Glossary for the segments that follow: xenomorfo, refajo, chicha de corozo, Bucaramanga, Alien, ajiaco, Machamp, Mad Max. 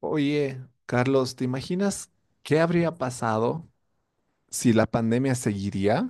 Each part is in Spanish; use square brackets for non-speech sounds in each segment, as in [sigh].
Oye, Carlos, ¿te imaginas qué habría pasado si la pandemia seguiría?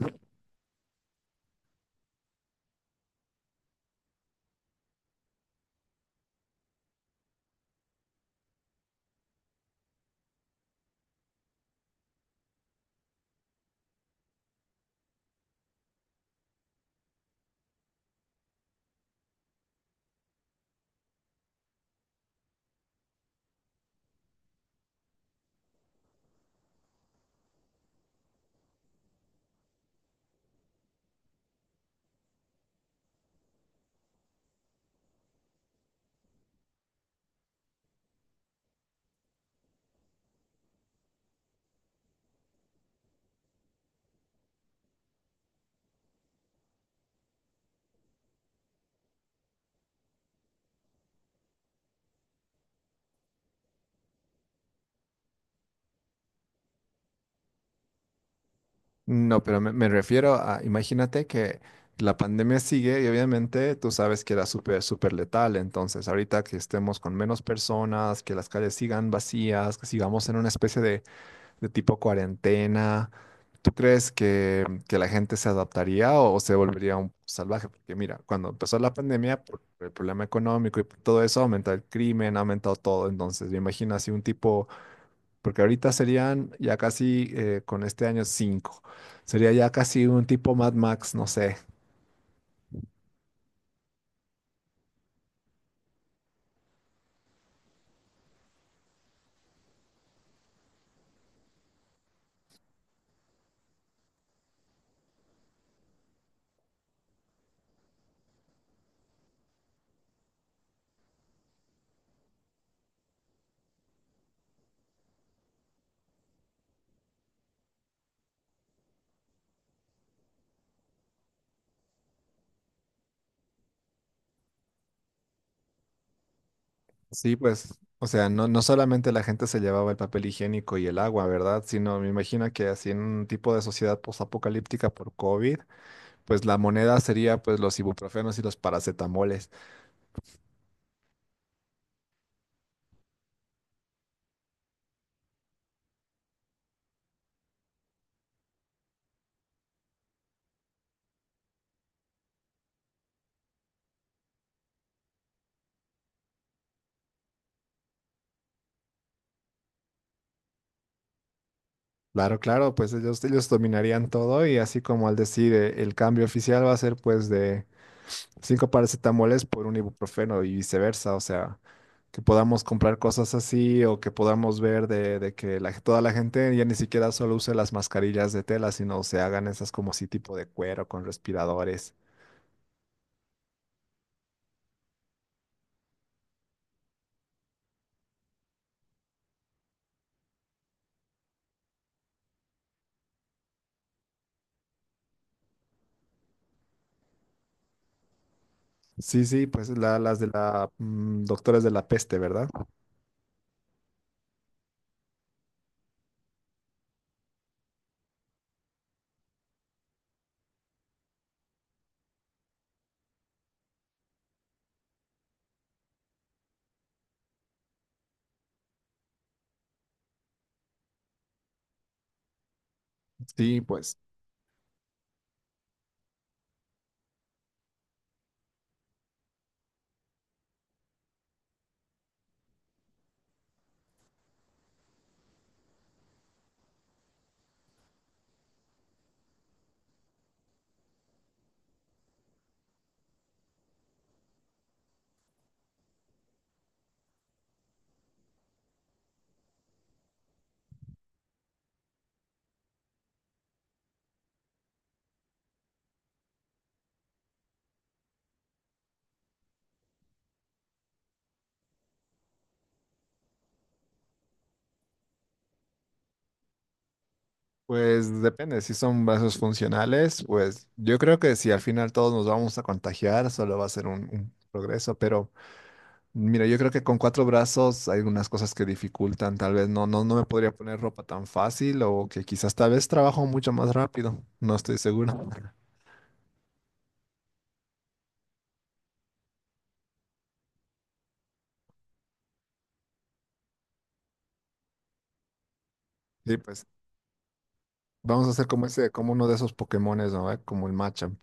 No, pero me refiero a, imagínate que la pandemia sigue y obviamente tú sabes que era súper, súper letal. Entonces, ahorita que estemos con menos personas, que las calles sigan vacías, que sigamos en una especie de tipo cuarentena. ¿Tú crees que la gente se adaptaría o se volvería un salvaje? Porque mira, cuando empezó la pandemia, por el problema económico y por todo eso, aumentó el crimen, ha aumentado todo. Entonces, me imagino así un tipo, porque ahorita serían ya casi, con este año, cinco. Sería ya casi un tipo Mad Max, no sé. Sí, pues, o sea, no solamente la gente se llevaba el papel higiénico y el agua, ¿verdad? Sino me imagino que así en un tipo de sociedad postapocalíptica por COVID pues la moneda sería pues los ibuprofenos y los paracetamoles. Claro, claro, pues ellos dominarían todo y así como al decir el cambio oficial va a ser pues de cinco paracetamoles por un ibuprofeno y viceversa, o sea, que podamos comprar cosas así o que podamos ver de que toda la gente ya ni siquiera solo use las mascarillas de tela, sino se hagan esas como así tipo de cuero con respiradores. Sí, sí, pues las de la doctores de la peste, ¿verdad? Sí, pues. Pues depende, si son vasos funcionales, pues yo creo que si al final todos nos vamos a contagiar, solo va a ser un progreso, pero mira, yo creo que con cuatro brazos hay algunas cosas que dificultan, tal vez no, no me podría poner ropa tan fácil o que quizás tal vez trabajo mucho más rápido, no estoy seguro. [laughs] Sí, pues vamos a hacer como ese, como uno de esos Pokémones, ¿no? ¿Eh? Como el Machamp.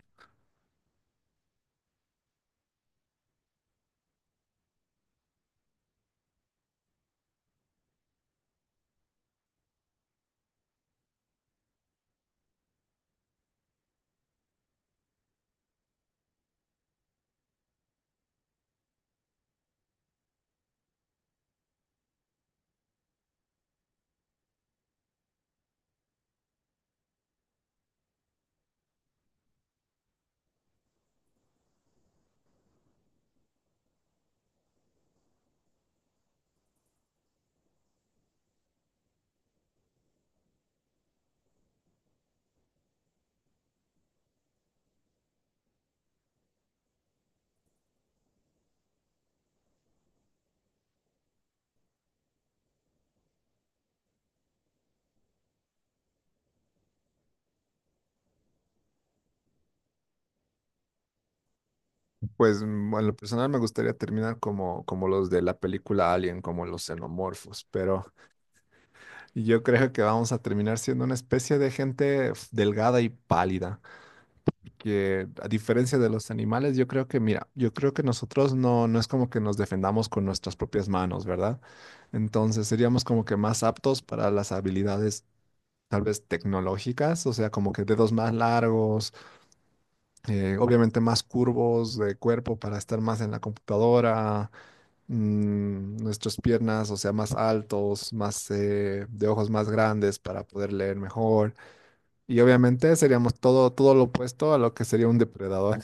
Pues mm, en lo personal me gustaría terminar como, como los de la película Alien, como los xenomorfos, pero... Y yo creo que vamos a terminar siendo una especie de gente delgada y pálida, que a diferencia de los animales, yo creo que, mira, yo creo que nosotros no, no es como que nos defendamos con nuestras propias manos, ¿verdad? Entonces seríamos como que más aptos para las habilidades tal vez tecnológicas, o sea, como que dedos más largos, obviamente más curvos de cuerpo para estar más en la computadora, mm, nuestras piernas, o sea, más altos, más de ojos más grandes para poder leer mejor. Y obviamente seríamos todo, todo lo opuesto a lo que sería un depredador.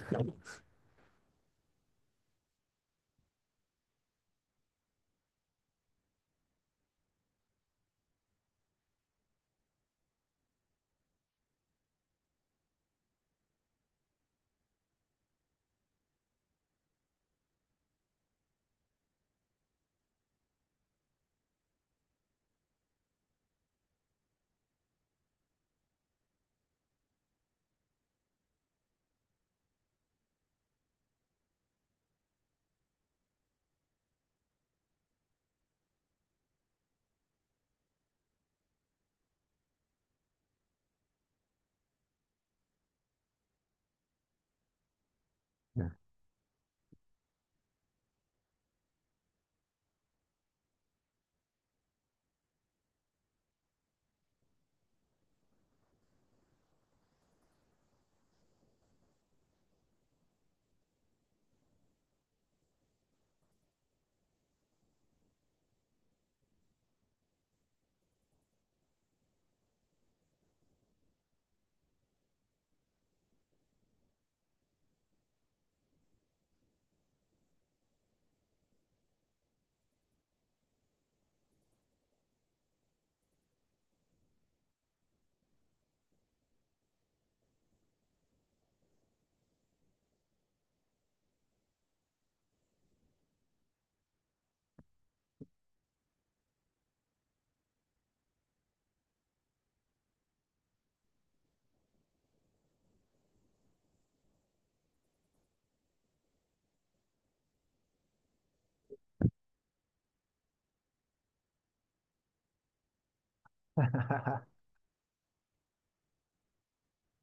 [laughs]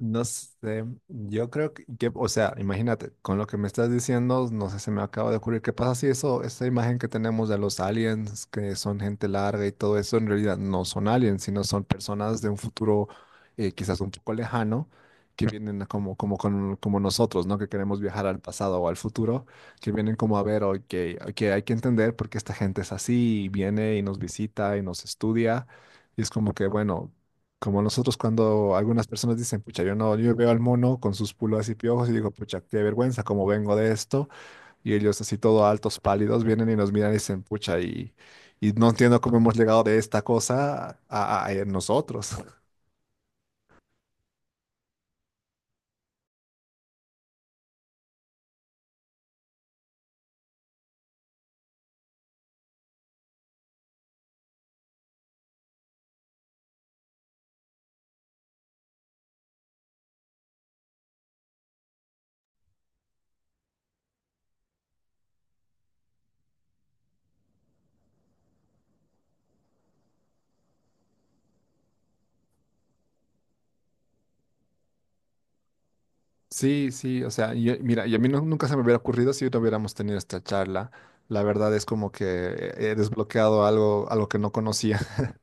No sé, yo creo que, o sea, imagínate, con lo que me estás diciendo, no sé, se me acaba de ocurrir, ¿qué pasa si eso, esa imagen que tenemos de los aliens, que son gente larga y todo eso, en realidad no son aliens, sino son personas de un futuro quizás un poco lejano, que vienen como nosotros, ¿no? Que queremos viajar al pasado o al futuro, que vienen como a ver, ok, ok, hay que entender por qué esta gente es así, y viene y nos visita y nos estudia, y es como que, bueno. Como nosotros cuando algunas personas dicen, pucha, yo no, yo veo al mono con sus pulgas y piojos y digo, pucha, qué vergüenza, cómo vengo de esto. Y ellos así todo altos, pálidos, vienen y nos miran y dicen, pucha, y no entiendo cómo hemos llegado de esta cosa a, a nosotros. [laughs] Sí, sí, o sea, mira, y a mí nunca se me hubiera ocurrido si no hubiéramos tenido esta charla. La verdad es como que he desbloqueado algo, algo que no conocía. [laughs]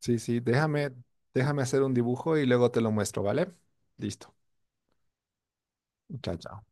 Sí, sí, déjame, déjame hacer un dibujo y luego te lo muestro, ¿vale? Listo. Chao, chao.